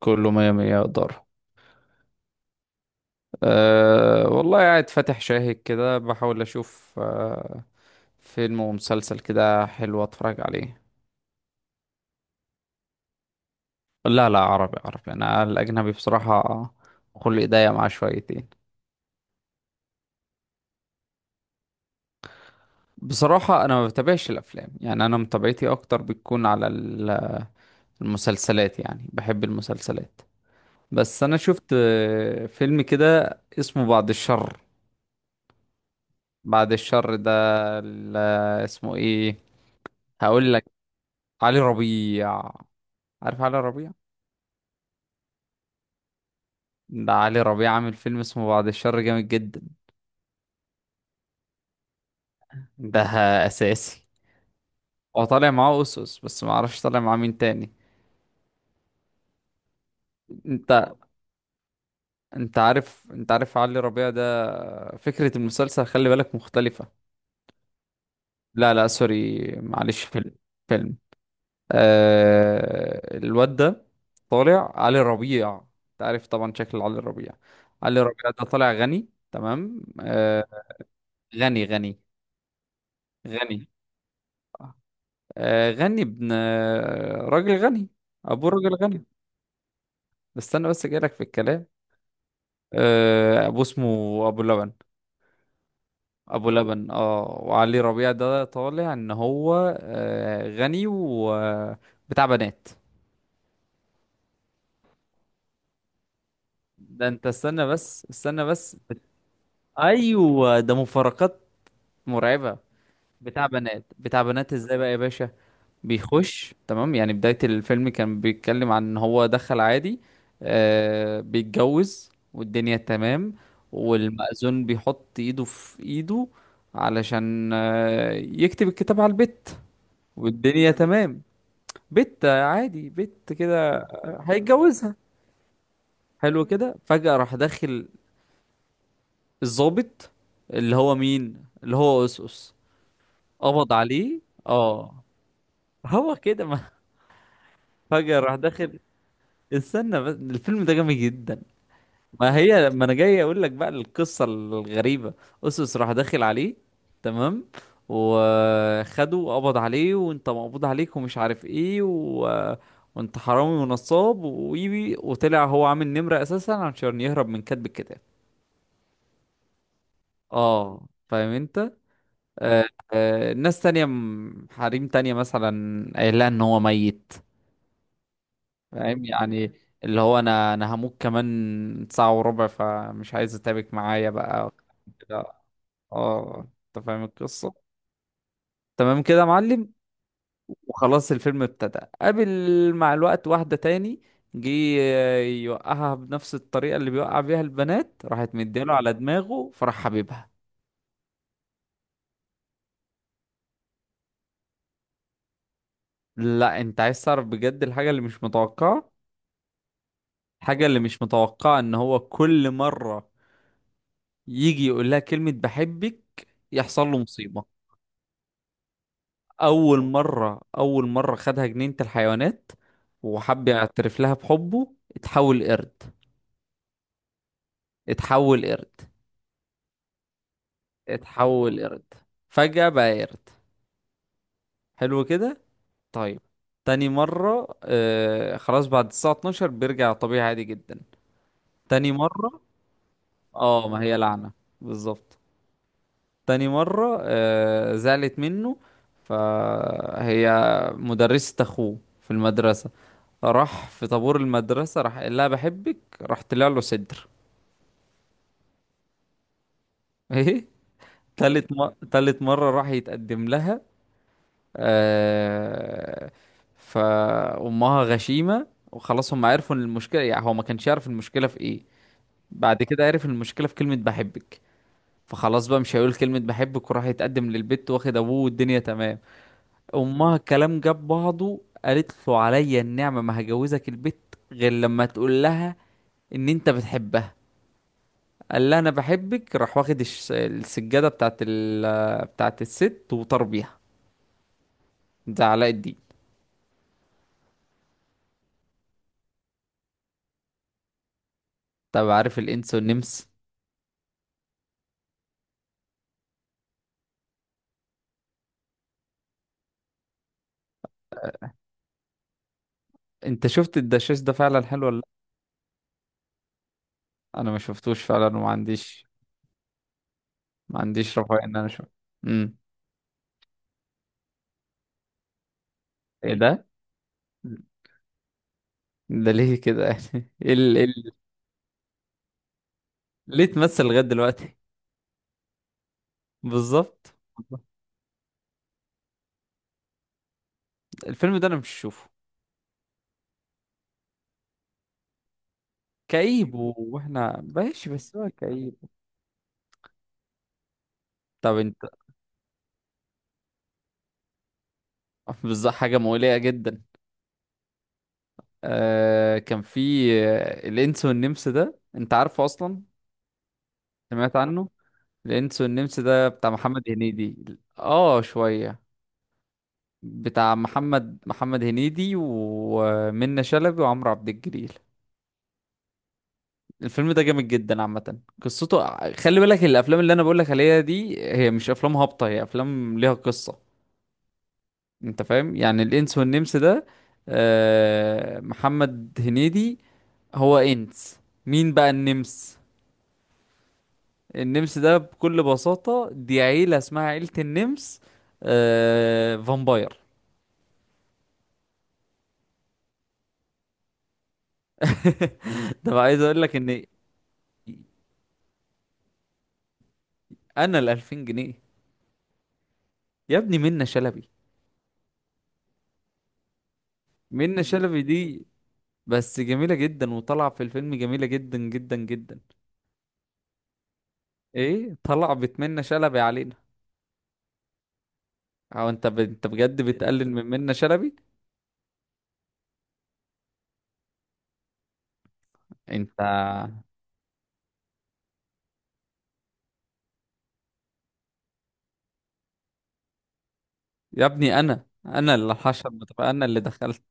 كله مية مية يقدر. أه والله قاعد فاتح شاهد كده، بحاول أشوف فيلم ومسلسل كده حلو أتفرج عليه. لا لا، عربي عربي، أنا الأجنبي بصراحة خلق ضيق معاه شويتين. بصراحة أنا ما بتابعش الأفلام، يعني أنا متابعتي أكتر بتكون على المسلسلات، يعني بحب المسلسلات. بس أنا شفت فيلم كده اسمه بعد الشر. بعد الشر ده ال- اسمه إيه؟ هقول لك، علي ربيع. عارف علي ربيع؟ ده علي ربيع عامل فيلم اسمه بعد الشر، جامد جدا. ده اساسي. هو طالع معاه أوسوس، بس ما اعرفش طالع معاه مين تاني. انت انت عارف علي ربيع ده؟ فكرة المسلسل، خلي بالك، مختلفة. لا لا، سوري، معلش، فيلم. فيلم. الواد ده طالع علي ربيع. انت عارف طبعا شكل علي ربيع. علي ربيع ده طالع غني تمام غني غني. غني. غني ابن راجل غني. ابوه راجل غني. استنى بس، جايلك في الكلام. ابوه اسمه ابو لبن. ابو لبن. اه، وعلي ربيع ده طالع ان هو غني وبتاع بنات. ده انت استنى بس استنى بس. ايوه، ده مفارقات مرعبة. بتاع بنات، بتاع بنات ازاي بقى يا باشا؟ بيخش تمام، يعني بداية الفيلم كان بيتكلم عن ان هو دخل عادي، بيتجوز والدنيا تمام، والمأذون بيحط ايده في ايده علشان يكتب الكتاب على البت والدنيا تمام. بت عادي، بت كده، هيتجوزها. حلو كده. فجأة راح داخل الضابط، اللي هو مين، اللي هو أسس، قبض عليه. اه، هو كده ما فجأة راح داخل. استنى بس، الفيلم ده جامد جدا. ما هي، ما انا جاي اقول لك بقى القصة الغريبة. اسوس راح داخل عليه، تمام، وخده وقبض عليه، وانت مقبوض عليك ومش عارف ايه وانت حرامي ونصاب ويبي، وطلع هو عامل نمرة اساسا عشان يهرب من كاتب الكتاب. اه، فاهم انت. آه ناس تانية حريم تانية مثلا قايل لها ان هو ميت. فاهم يعني؟ اللي هو انا هموت كمان ساعة وربع، فمش عايز اتعبك معايا بقى كده. اه، انت فاهم القصة؟ تمام كده يا معلم. وخلاص الفيلم ابتدى، قابل مع الوقت واحدة تاني، جه يوقعها بنفس الطريقة اللي بيوقع بيها البنات، راحت مديله على دماغه فراح حبيبها. لا، انت عايز تعرف بجد الحاجة اللي مش متوقعة؟ الحاجة اللي مش متوقعة ان هو كل مرة يجي يقول لها كلمة بحبك يحصل له مصيبة. اول مره خدها جنينه الحيوانات وحب يعترف لها بحبه، اتحول قرد. اتحول قرد. اتحول قرد. فجاه بقى قرد. حلو كده. طيب. تاني مره، خلاص، بعد الساعه 12 بيرجع طبيعي عادي جدا. تاني مره، اه، ما هي لعنه بالظبط. تاني مره زعلت منه، فهي مدرسه اخوه في المدرسه. راح في طابور المدرسة، راح قال لها بحبك، راح طلع له صدر. ايه؟ تالت مرة راح يتقدم لها آه... فأمها غشيمة، وخلاص هم عرفوا ان المشكلة، يعني هو ما كانش يعرف المشكلة في ايه. بعد كده عرف المشكلة في كلمة بحبك، فخلاص بقى مش هيقول كلمة بحبك، وراح يتقدم للبت واخد ابوه والدنيا تمام. امها الكلام جاب بعضه، قالت له عليا النعمة ما هجوزك البت غير لما تقول لها ان انت بتحبها. قال لها انا بحبك، راح واخد السجاده بتاعت بتاعت الست وطار بيها. ده علاء الدين. طب، عارف الانس والنمس؟ انت شفت الدشاش ده فعلا حلو ولا لا؟ انا ما شفتوش فعلا وما عنديش ما عنديش رفاهيه ان انا اشوف. امم ايه ده؟ ده ليه كده يعني؟ ايه ال... إيه ال... ليه تمثل لغايه دلوقتي؟ بالظبط. الفيلم ده انا مش شوفه. كئيب، واحنا ماشي بس هو كئيب. طب انت. بالظبط، حاجه مؤلمه جدا. كان في الانس والنمس ده، انت عارفه اصلا؟ سمعت عنه. الانس والنمس ده بتاع محمد هنيدي. اه، شوية. بتاع محمد هنيدي ومنة شلبي وعمرو عبد الجليل. الفيلم ده جامد جدا عامة، قصته خلي بالك، الافلام اللي انا بقولك عليها دي هي مش افلام هابطة، هي افلام ليها قصة. انت فاهم يعني؟ الانس والنمس ده، محمد هنيدي هو انس، مين بقى النمس؟ النمس ده بكل بساطة دي عيلة اسمها عيلة النمس فامباير. ده بقى عايز اقول لك ان انا ال 2000 جنيه يا ابني منة شلبي. منة شلبي دي بس جميلة جدا، وطالعة في الفيلم جميلة جدا جدا جدا. ايه؟ طلع بتمنى شلبي علينا؟ او انت انت بجد بتقلل من منة شلبي؟ انت. يا ابني انا اللي حشر، بتبقى انا اللي دخلت،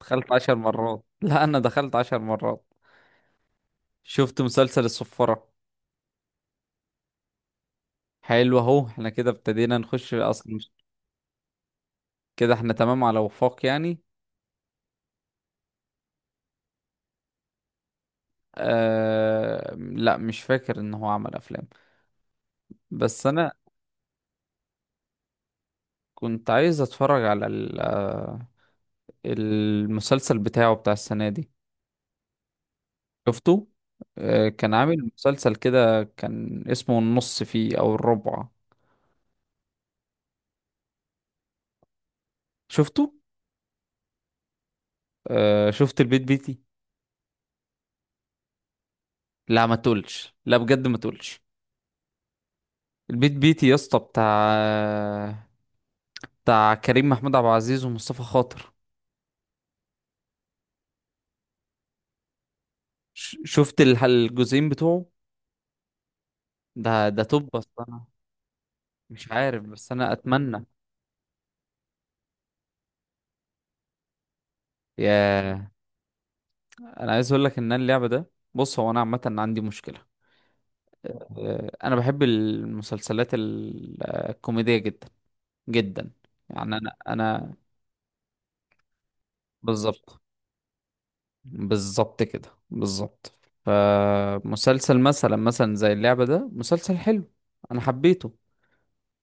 دخلت 10 مرات. لا، انا دخلت 10 مرات. شفت مسلسل الصفارة؟ حلو، اهو احنا كده ابتدينا نخش اصلا. كده احنا تمام على وفاق يعني. آه لا، مش فاكر ان هو عمل افلام. بس انا كنت عايز اتفرج على المسلسل بتاعه بتاع السنة دي. شفته؟ كان عامل مسلسل كده، كان اسمه النص فيه او الربع. شفته؟ شفت البيت بيتي؟ لا، ما تقولش لا بجد، ما تقولش. البيت بيتي يا اسطى، بتاع كريم محمود عبد العزيز ومصطفى خاطر. شفت الجزئين بتوعه. ده توب. بس انا مش عارف، بس انا اتمنى. يا، انا عايز اقول لك ان أنا اللعبه ده، بص، هو انا عامه عندي مشكله. انا بحب المسلسلات الكوميديه جدا جدا. يعني انا بالظبط. بالظبط كده بالظبط. فمسلسل مثلا زي اللعبه ده مسلسل حلو، انا حبيته.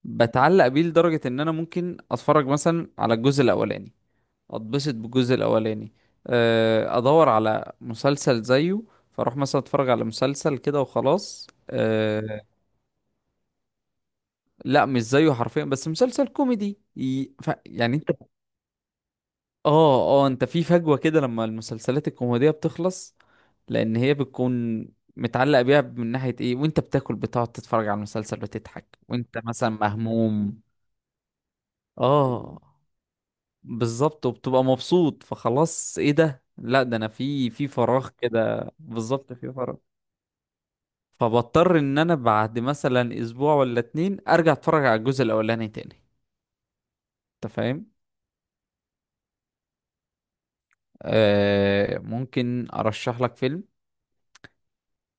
بتعلق بيه لدرجه ان انا ممكن اتفرج مثلا على الجزء الاولاني، اتبسط بالجزء الاولاني، ادور على مسلسل زيه، فاروح مثلا اتفرج على مسلسل كده وخلاص لا، مش زيه حرفيا، بس مسلسل كوميدي يعني انت. اه اه، انت في فجوة كده لما المسلسلات الكوميدية بتخلص، لان هي بتكون متعلق بيها من ناحية ايه، وانت بتاكل، بتقعد تتفرج على المسلسل، بتضحك، وانت مثلا مهموم. اه بالظبط، وبتبقى مبسوط. فخلاص، ايه ده، لا ده انا في فراغ كده، بالظبط في فراغ. فبضطر ان انا بعد مثلا اسبوع ولا اتنين ارجع اتفرج على الجزء الاولاني تاني. انت فاهم؟ آه، ممكن ارشح لك فيلم،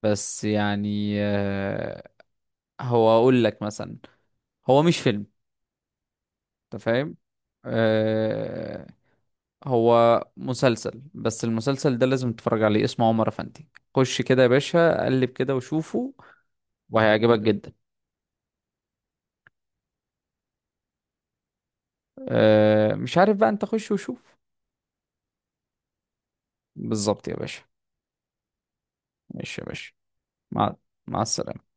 بس يعني هو اقول لك مثلا. هو مش فيلم، انت فاهم؟ آه هو مسلسل، بس المسلسل ده لازم تتفرج عليه، اسمه عمر افندي. خش كده يا باشا، قلب كده وشوفه، وهيعجبك جدا. أه مش عارف بقى، انت خش وشوف. بالظبط يا باشا. ماشي يا باشا. مع مع السلامة.